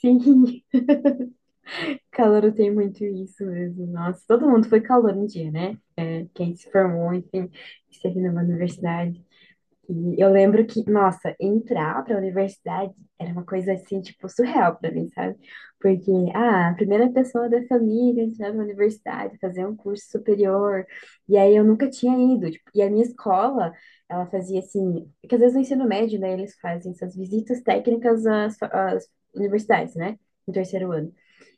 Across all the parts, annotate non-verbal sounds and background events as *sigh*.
Sim, *laughs* calor tem muito isso mesmo. Nossa, todo mundo foi calor um dia, né? Quem se formou, enfim, esteve numa universidade. E eu lembro que, nossa, entrar para a universidade era uma coisa assim, tipo, surreal para mim, sabe? Porque, a primeira pessoa da família a entrar na universidade, fazer um curso superior. E aí eu nunca tinha ido. Tipo, e a minha escola, ela fazia assim, porque às vezes no ensino médio, né, eles fazem essas visitas técnicas às, às universidades, né? No terceiro ano.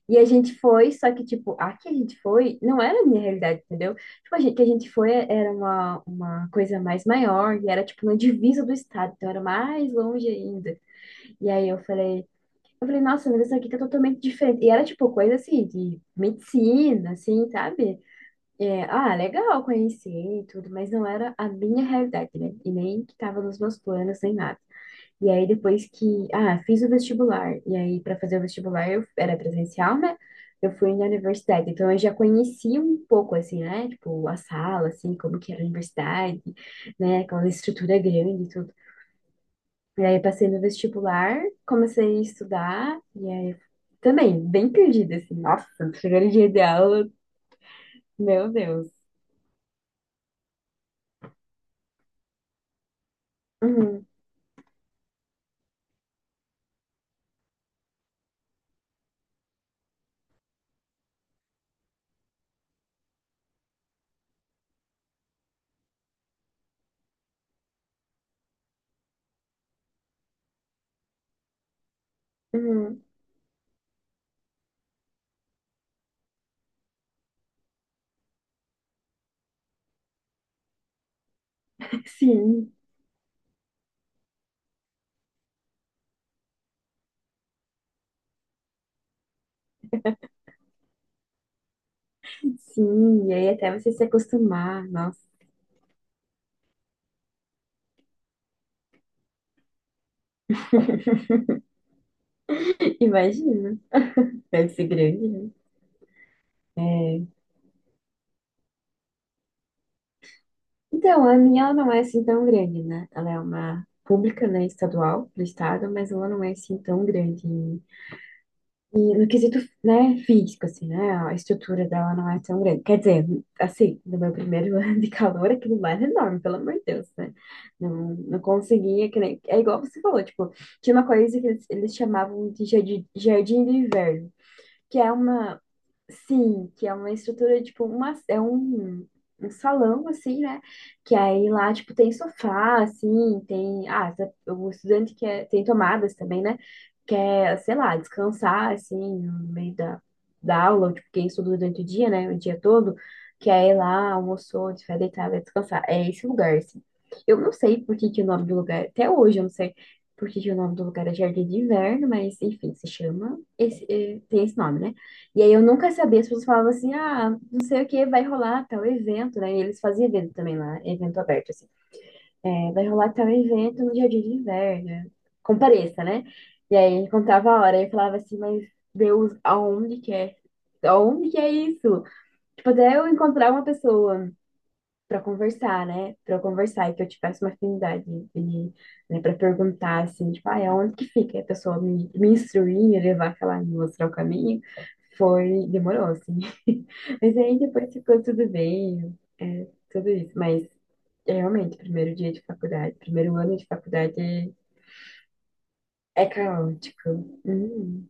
E a gente foi, só que, tipo, a que a gente foi não era a minha realidade, entendeu? Tipo, a gente, que a gente foi era uma coisa mais maior e era, tipo, na divisa do estado, então era mais longe ainda. E aí eu falei, nossa, mas isso aqui tá totalmente diferente. E era, tipo, coisa assim, de medicina, assim, sabe? É, legal conhecer e tudo, mas não era a minha realidade, né? E nem que tava nos meus planos, nem nada. E aí depois que, fiz o vestibular. E aí para fazer o vestibular eu era presencial, né? Eu fui na universidade, então eu já conhecia um pouco assim, né? Tipo, a sala, assim, como que era a universidade, né? Aquela estrutura grande e tudo. E aí passei no vestibular, comecei a estudar e aí também bem perdida assim. Nossa, primeiro dia de aula, meu Deus. Uhum, uhum. Sim, sim. E aí até você se acostumar, nossa, *laughs* imagina. Deve ser grande, né? É. Então, a minha ela não é assim tão grande, né? Ela é uma pública, né, estadual do estado, mas ela não é assim tão grande. E no quesito, né, físico, assim, né, a estrutura dela não é tão grande. Quer dizer, assim, no meu primeiro *laughs* ano de calor, aquilo lá era enorme, pelo amor de Deus, né? Não conseguia, que nem... É igual você falou, tipo, tinha uma coisa que eles chamavam de jardim, jardim de inverno, que é uma, sim, que é uma estrutura, tipo, uma, é um, um salão, assim, né? Que aí lá, tipo, tem sofá, assim, tem... o estudante quer... Tem tomadas também, né? Quer, sei lá, descansar, assim, no meio da, da aula, ou, tipo, quem estuda durante o dia, né? O dia todo, que aí lá, almoçou, se vai deitar, vai descansar. É esse lugar, assim. Eu não sei por que que o nome do lugar... Até hoje eu não sei por que que o nome do lugar é Jardim de Inverno, mas, enfim, se chama... Esse, tem esse nome, né? E aí eu nunca sabia, as pessoas falavam assim, não sei o que, vai rolar tal evento, né? E eles faziam evento também lá, evento aberto, assim. É, vai rolar tal evento no Jardim de Inverno, compareça, né? E aí contava a hora, e eu falava assim, mas Deus, aonde que é? Aonde que é isso? Tipo, até eu encontrar uma pessoa pra conversar, né? Pra eu conversar e que eu tivesse uma afinidade de, né, para perguntar, assim, tipo, aonde que fica? E a pessoa me, me instruir, me levar, sei lá, me mostrar o caminho. Foi, demorou, assim. *laughs* Mas aí depois ficou tudo bem, é, tudo isso. Mas é, realmente, primeiro dia de faculdade, primeiro ano de faculdade é, é caótico. Hum.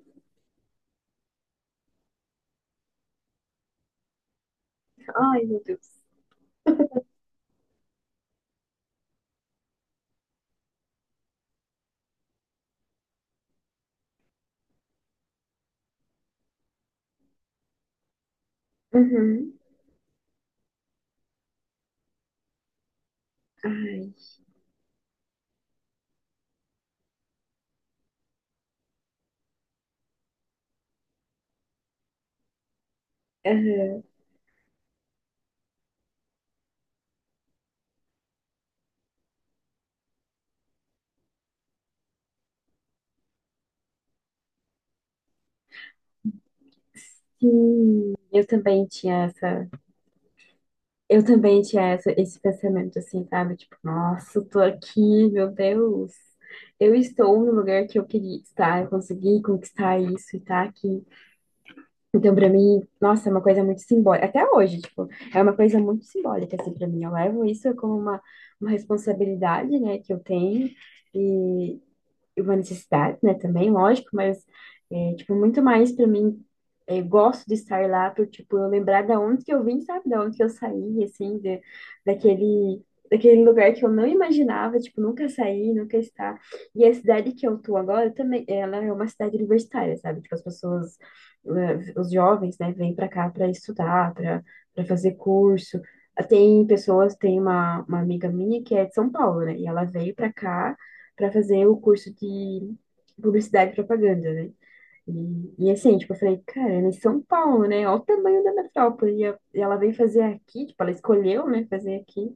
Ai, meu Deus. Uhum. Ai. Aham. Sim, eu também tinha essa, eu também tinha essa, esse pensamento assim, sabe? Tipo, nossa, eu tô aqui, meu Deus. Eu estou no lugar que eu queria estar, eu consegui conquistar isso e tá aqui. Então, pra mim, nossa, é uma coisa muito simbólica. Até hoje, tipo, é uma coisa muito simbólica, assim, pra mim. Eu levo isso como uma responsabilidade, né, que eu tenho. E, uma necessidade, né, também, lógico, mas, é, tipo, muito mais para mim, é, gosto de estar lá por, tipo, eu lembrar da onde que eu vim, sabe, da onde que eu saí, assim, de, daquele, daquele lugar que eu não imaginava, tipo, nunca sair, nunca estar. E a cidade que eu tô agora também, ela é uma cidade universitária, sabe, tipo, as pessoas, os jovens, né, vêm para cá para estudar, para para fazer curso, tem pessoas, tem uma amiga minha que é de São Paulo, né? E ela veio para cá para fazer o curso de publicidade e propaganda, né? E assim, tipo, eu falei, cara, ela é em São Paulo, né? Olha o tamanho da metrópole. E e ela veio fazer aqui, tipo, ela escolheu, né, fazer aqui.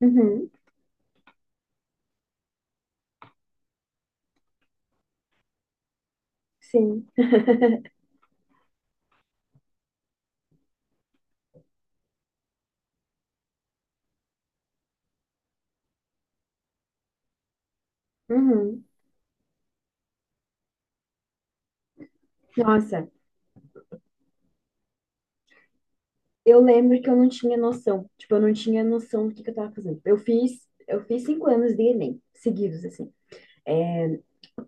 Uhum, sim. *laughs* Uhum. Nossa, eu lembro que eu não tinha noção. Tipo, eu não tinha noção do que eu tava fazendo. Eu fiz 5 anos de Enem, seguidos, assim.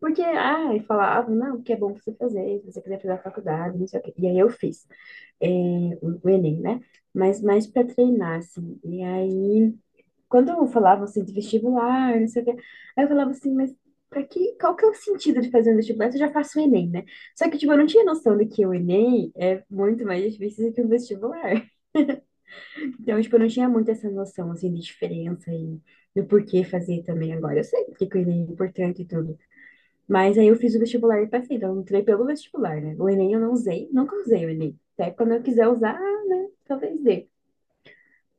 Porque, e falava, não, que é bom você fazer, se você quiser fazer a faculdade, não sei o quê. E aí eu fiz. É, o Enem, né? Mas mais para treinar, assim. E aí, quando eu falava assim de vestibular, não sei o quê, aí eu falava assim, mas para que, qual que é o sentido de fazer um vestibular se eu já faço o Enem, né? Só que, tipo, eu não tinha noção de que o Enem é muito mais difícil do que um vestibular. *laughs* Então, tipo, eu não tinha muito essa noção, assim, de diferença e do porquê fazer também agora. Eu sei porque que o Enem é importante e tudo. Mas aí eu fiz o vestibular e passei, então eu entrei pelo vestibular, né? O Enem eu não usei, nunca usei o Enem. Até quando eu quiser usar, né? Talvez dê.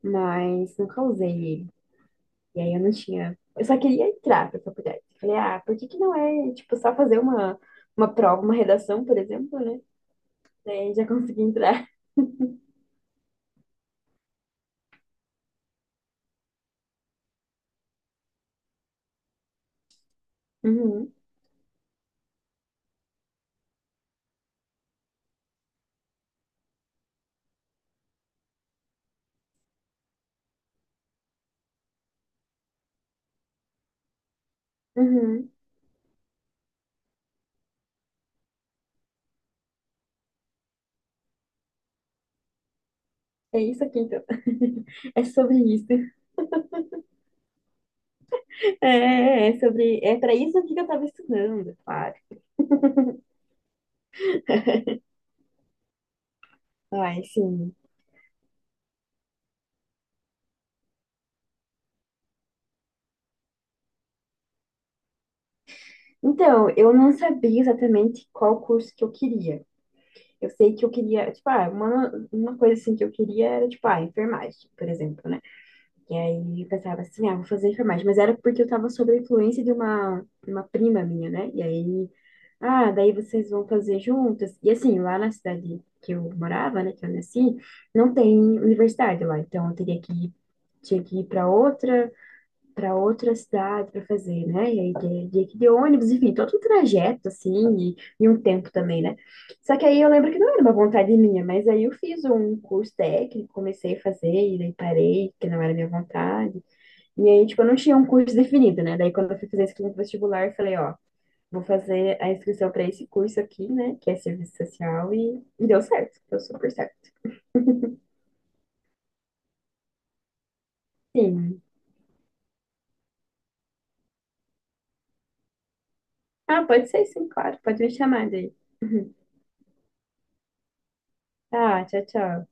Mas nunca usei ele. E aí eu não tinha. Eu só queria entrar pra faculdade. Falei, por que que não é, tipo, só fazer uma prova, uma redação, por exemplo, né? Daí já consegui entrar. *laughs* Uhum, uhum. É isso aqui, então. *laughs* É sobre isso. *laughs* É, é é sobre. É pra isso aqui que eu tava estudando, claro. Ai, sim. Então, eu não sabia exatamente qual curso que eu queria. Eu sei que eu queria, tipo, uma coisa assim que eu queria era, tipo, enfermagem, por exemplo, né? E aí eu pensava assim, vou fazer enfermagem. Mas era porque eu tava sob a influência de uma prima minha, né? E aí, daí vocês vão fazer juntas. E assim, lá na cidade que eu morava, né, que eu nasci, não tem universidade lá. Então, eu teria que ir, tinha que ir para outra cidade para fazer, né? E aí de ônibus, enfim, todo um trajeto, assim, e um tempo também, né? Só que aí eu lembro que não era uma vontade minha, mas aí eu fiz um curso técnico, comecei a fazer, e daí parei, que não era minha vontade. E aí, tipo, eu não tinha um curso definido, né? Daí quando eu fui fazer a inscrição vestibular, eu falei, ó, vou fazer a inscrição para esse curso aqui, né? Que é serviço social, e deu certo, deu super certo. Sim. Ah, pode ser sim, claro, pode me chamar daí. Tá, tchau, tchau.